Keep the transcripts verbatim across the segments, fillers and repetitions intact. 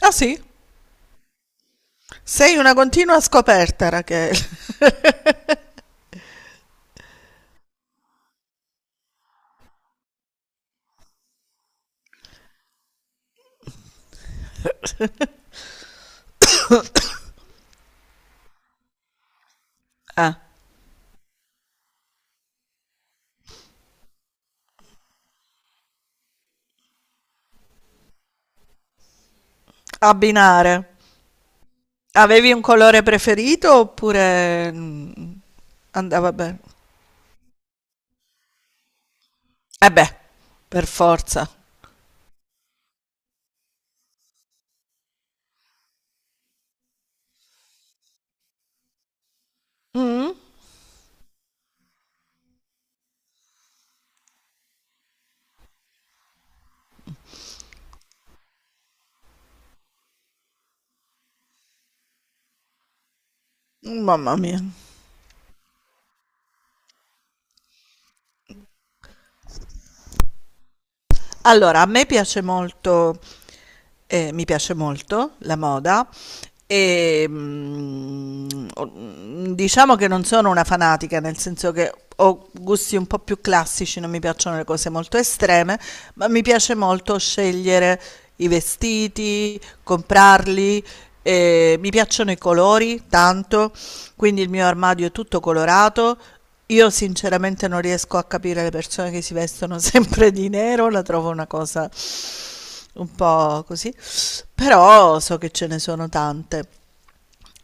Ah, sì? Sei una continua scoperta, Rachele. Ah, abbinare. Avevi un colore preferito oppure... mm, andava bene? Eh beh, per forza. Mm? Mamma mia. Allora, a me piace molto. Eh, mi piace molto la moda e mm, o- diciamo che non sono una fanatica, nel senso che ho gusti un po' più classici, non mi piacciono le cose molto estreme, ma mi piace molto scegliere i vestiti, comprarli. Eh, mi piacciono i colori tanto, quindi il mio armadio è tutto colorato. Io sinceramente non riesco a capire le persone che si vestono sempre di nero, la trovo una cosa un po' così, però so che ce ne sono tante.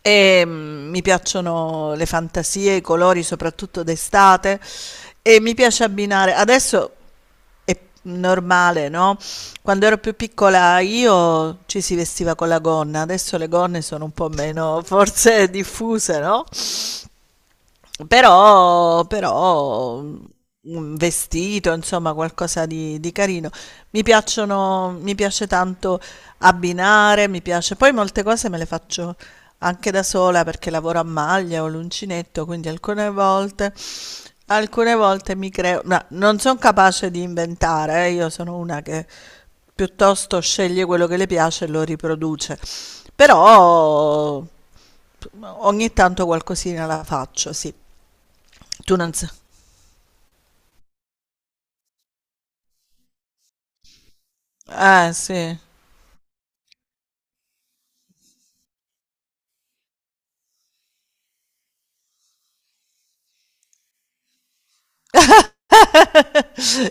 E mm, mi piacciono le fantasie, i colori, soprattutto d'estate, e mi piace abbinare. Adesso è normale, no? Quando ero più piccola io ci si vestiva con la gonna, adesso le gonne sono un po' meno forse diffuse, no? Però, però un vestito, insomma, qualcosa di, di carino. Mi piacciono, mi piace tanto abbinare, mi piace. Poi molte cose me le faccio anche da sola perché lavoro a maglia o l'uncinetto, quindi alcune volte, alcune volte mi creo, ma non sono capace di inventare, eh, io sono una che piuttosto sceglie quello che le piace e lo riproduce. Però ogni tanto qualcosina la faccio, sì. Tu non sai. Eh, sì,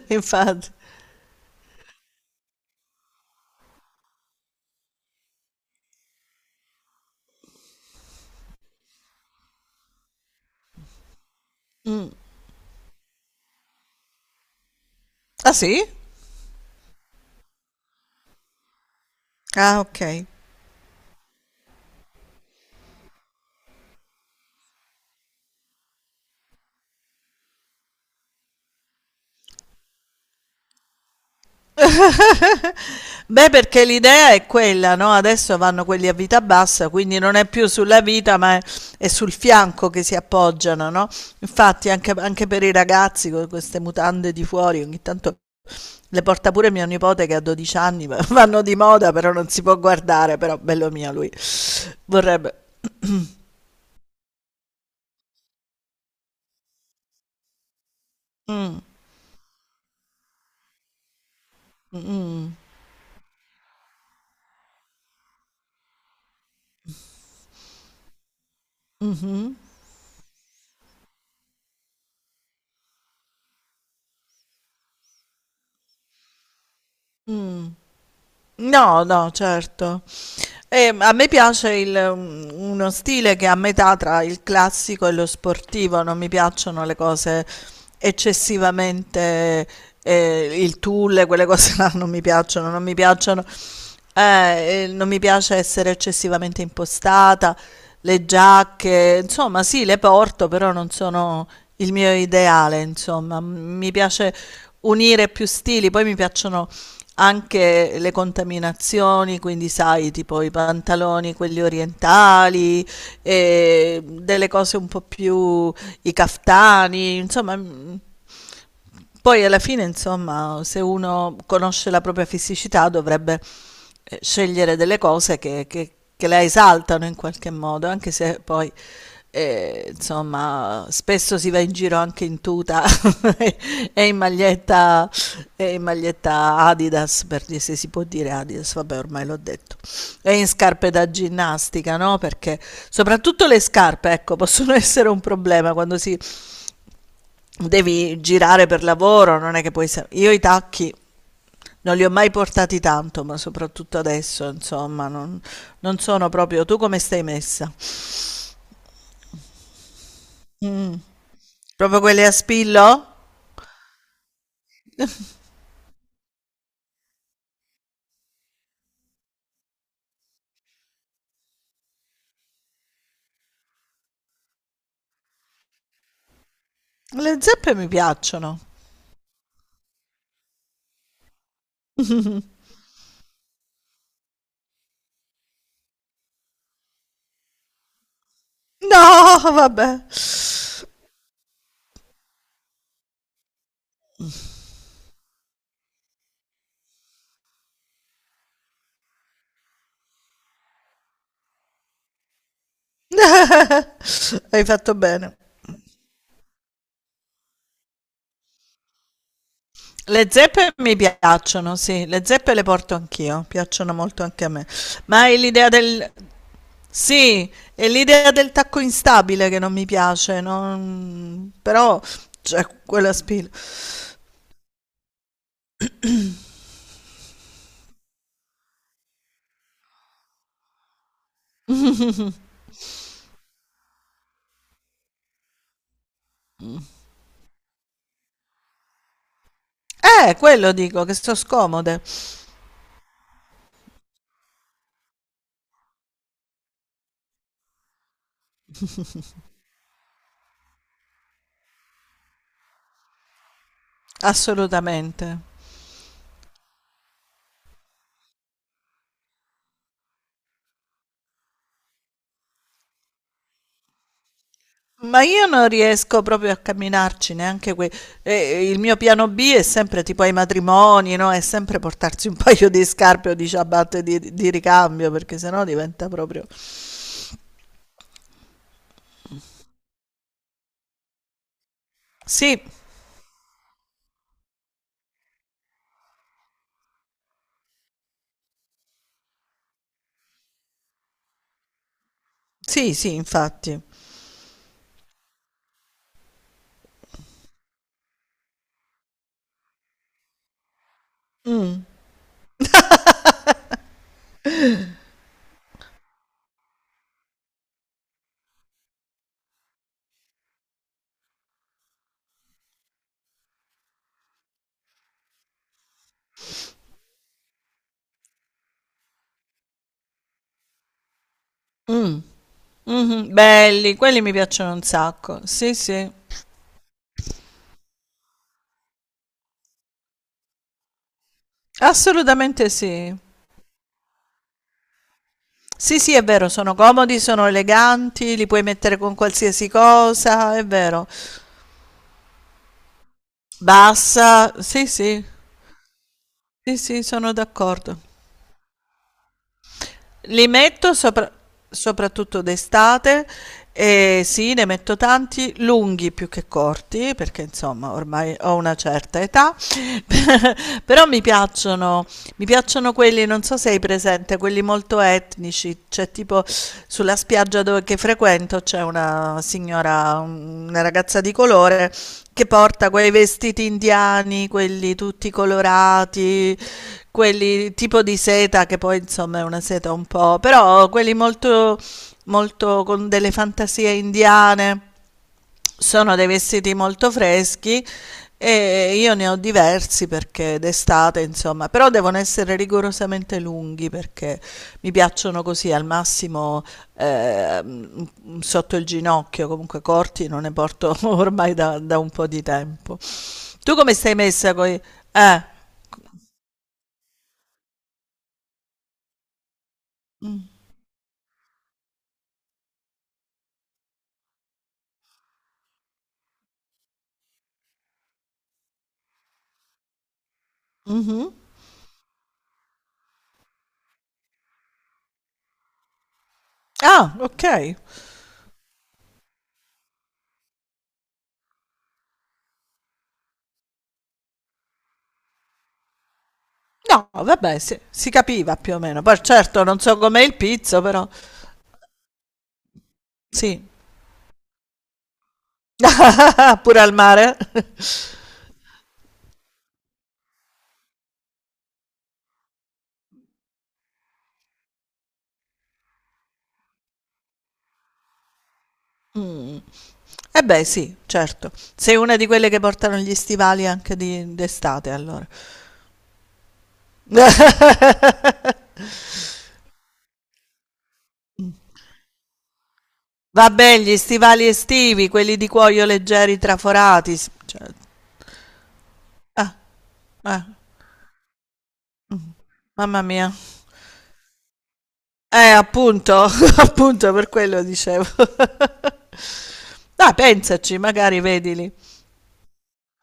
infatti. Ah, sì? Ah, ok. Beh, perché l'idea è quella, no? Adesso vanno quelli a vita bassa, quindi non è più sulla vita, ma è, è sul fianco che si appoggiano, no? Infatti, anche, anche per i ragazzi con queste mutande di fuori, ogni tanto le porta pure mio nipote che ha dodici anni, ma vanno di moda, però non si può guardare, però bello mio lui. Vorrebbe. Mm, mm, mhm, mm. No, no, certo. E a me piace il- un- uno stile che è a metà tra il classico e lo sportivo, non mi piacciono le cose eccessivamente, eh, il tulle, quelle cose là non mi piacciono, non mi piacciono eh, eh, non mi piace essere eccessivamente impostata, le giacche, insomma, sì, le porto, però non sono il mio ideale, insomma. M- Mi piace unire più stili, poi mi piacciono anche le contaminazioni, quindi sai, tipo i pantaloni, quelli orientali, e delle cose un po' più, i caftani, insomma, m- poi alla fine, insomma, se uno conosce la propria fisicità dovrebbe eh, scegliere delle cose che, che- che la esaltano in qualche modo, anche se poi, eh, insomma, spesso si va in giro anche in tuta e in maglietta, e in maglietta Adidas, per dire se si può dire Adidas, vabbè, ormai l'ho detto, e in scarpe da ginnastica, no? Perché soprattutto le scarpe, ecco, possono essere un problema quando si devi girare per lavoro, non è che puoi... sa- Io i tacchi non li ho mai portati tanto, ma soprattutto adesso, insomma, non, non sono proprio... Tu come stai messa? Mm, proprio quelle a spillo? Le zeppe mi piacciono. No, vabbè. Hai fatto bene. Le zeppe mi piacciono, sì, le zeppe le porto anch'io, piacciono molto anche a me. Ma hai l'idea del, Sì, è l'idea del tacco instabile che non mi piace, non- però cioè, quella spilla. Eh, quello dico, che sono scomode, assolutamente. Ma io non riesco proprio a camminarci neanche qui. E il mio piano B è sempre tipo ai matrimoni, no? È sempre portarsi un paio di scarpe o di ciabatte di, di ricambio, perché sennò diventa proprio... Sì, sì, sì, infatti. Mm, mhm, belli, quelli mi piacciono un sacco. Sì, sì. Assolutamente sì. Sì, sì, è vero, sono comodi, sono eleganti, li puoi mettere con qualsiasi cosa, è vero. Bassa, sì, sì, sì, sì, sono d'accordo. Li metto sopra- Soprattutto d'estate e sì, ne metto tanti, lunghi più che corti, perché insomma ormai ho una certa età, però mi piacciono. Mi piacciono quelli, non so se hai presente, quelli molto etnici, c'è tipo sulla spiaggia dove, che frequento c'è una signora, un- una ragazza di colore che porta quei vestiti indiani, quelli tutti colorati, quelli tipo di seta che poi insomma è una seta un po', però quelli molto, molto con delle fantasie indiane. Sono dei vestiti molto freschi e io ne ho diversi perché d'estate, insomma, però devono essere rigorosamente lunghi perché mi piacciono così al massimo ehm, sotto il ginocchio, comunque corti non ne porto ormai da, da un po' di tempo. Tu come stai messa con i... Eh. Mm, mhm. Ah, ok. No, vabbè, si, si capiva più o meno. Poi certo non so com'è il pizzo, però sì. Pure al mare. Mh. Eh beh sì, certo. Sei una di quelle che portano gli stivali anche di d'estate allora. Vabbè, gli stivali estivi, quelli di cuoio leggeri traforati, s- cioè eh, eh, mamma mia. Eh, appunto, appunto per quello dicevo. Dai, pensaci, magari vedili.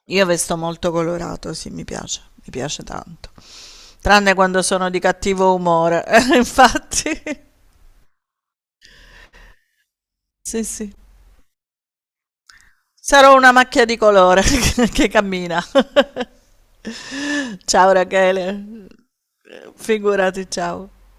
Io vesto molto colorato, sì, mi piace, mi piace tanto. Tranne quando sono di cattivo umore, infatti. Sì, sì. Sarò una macchia di colore che cammina. Ciao Rachele, figurati, ciao.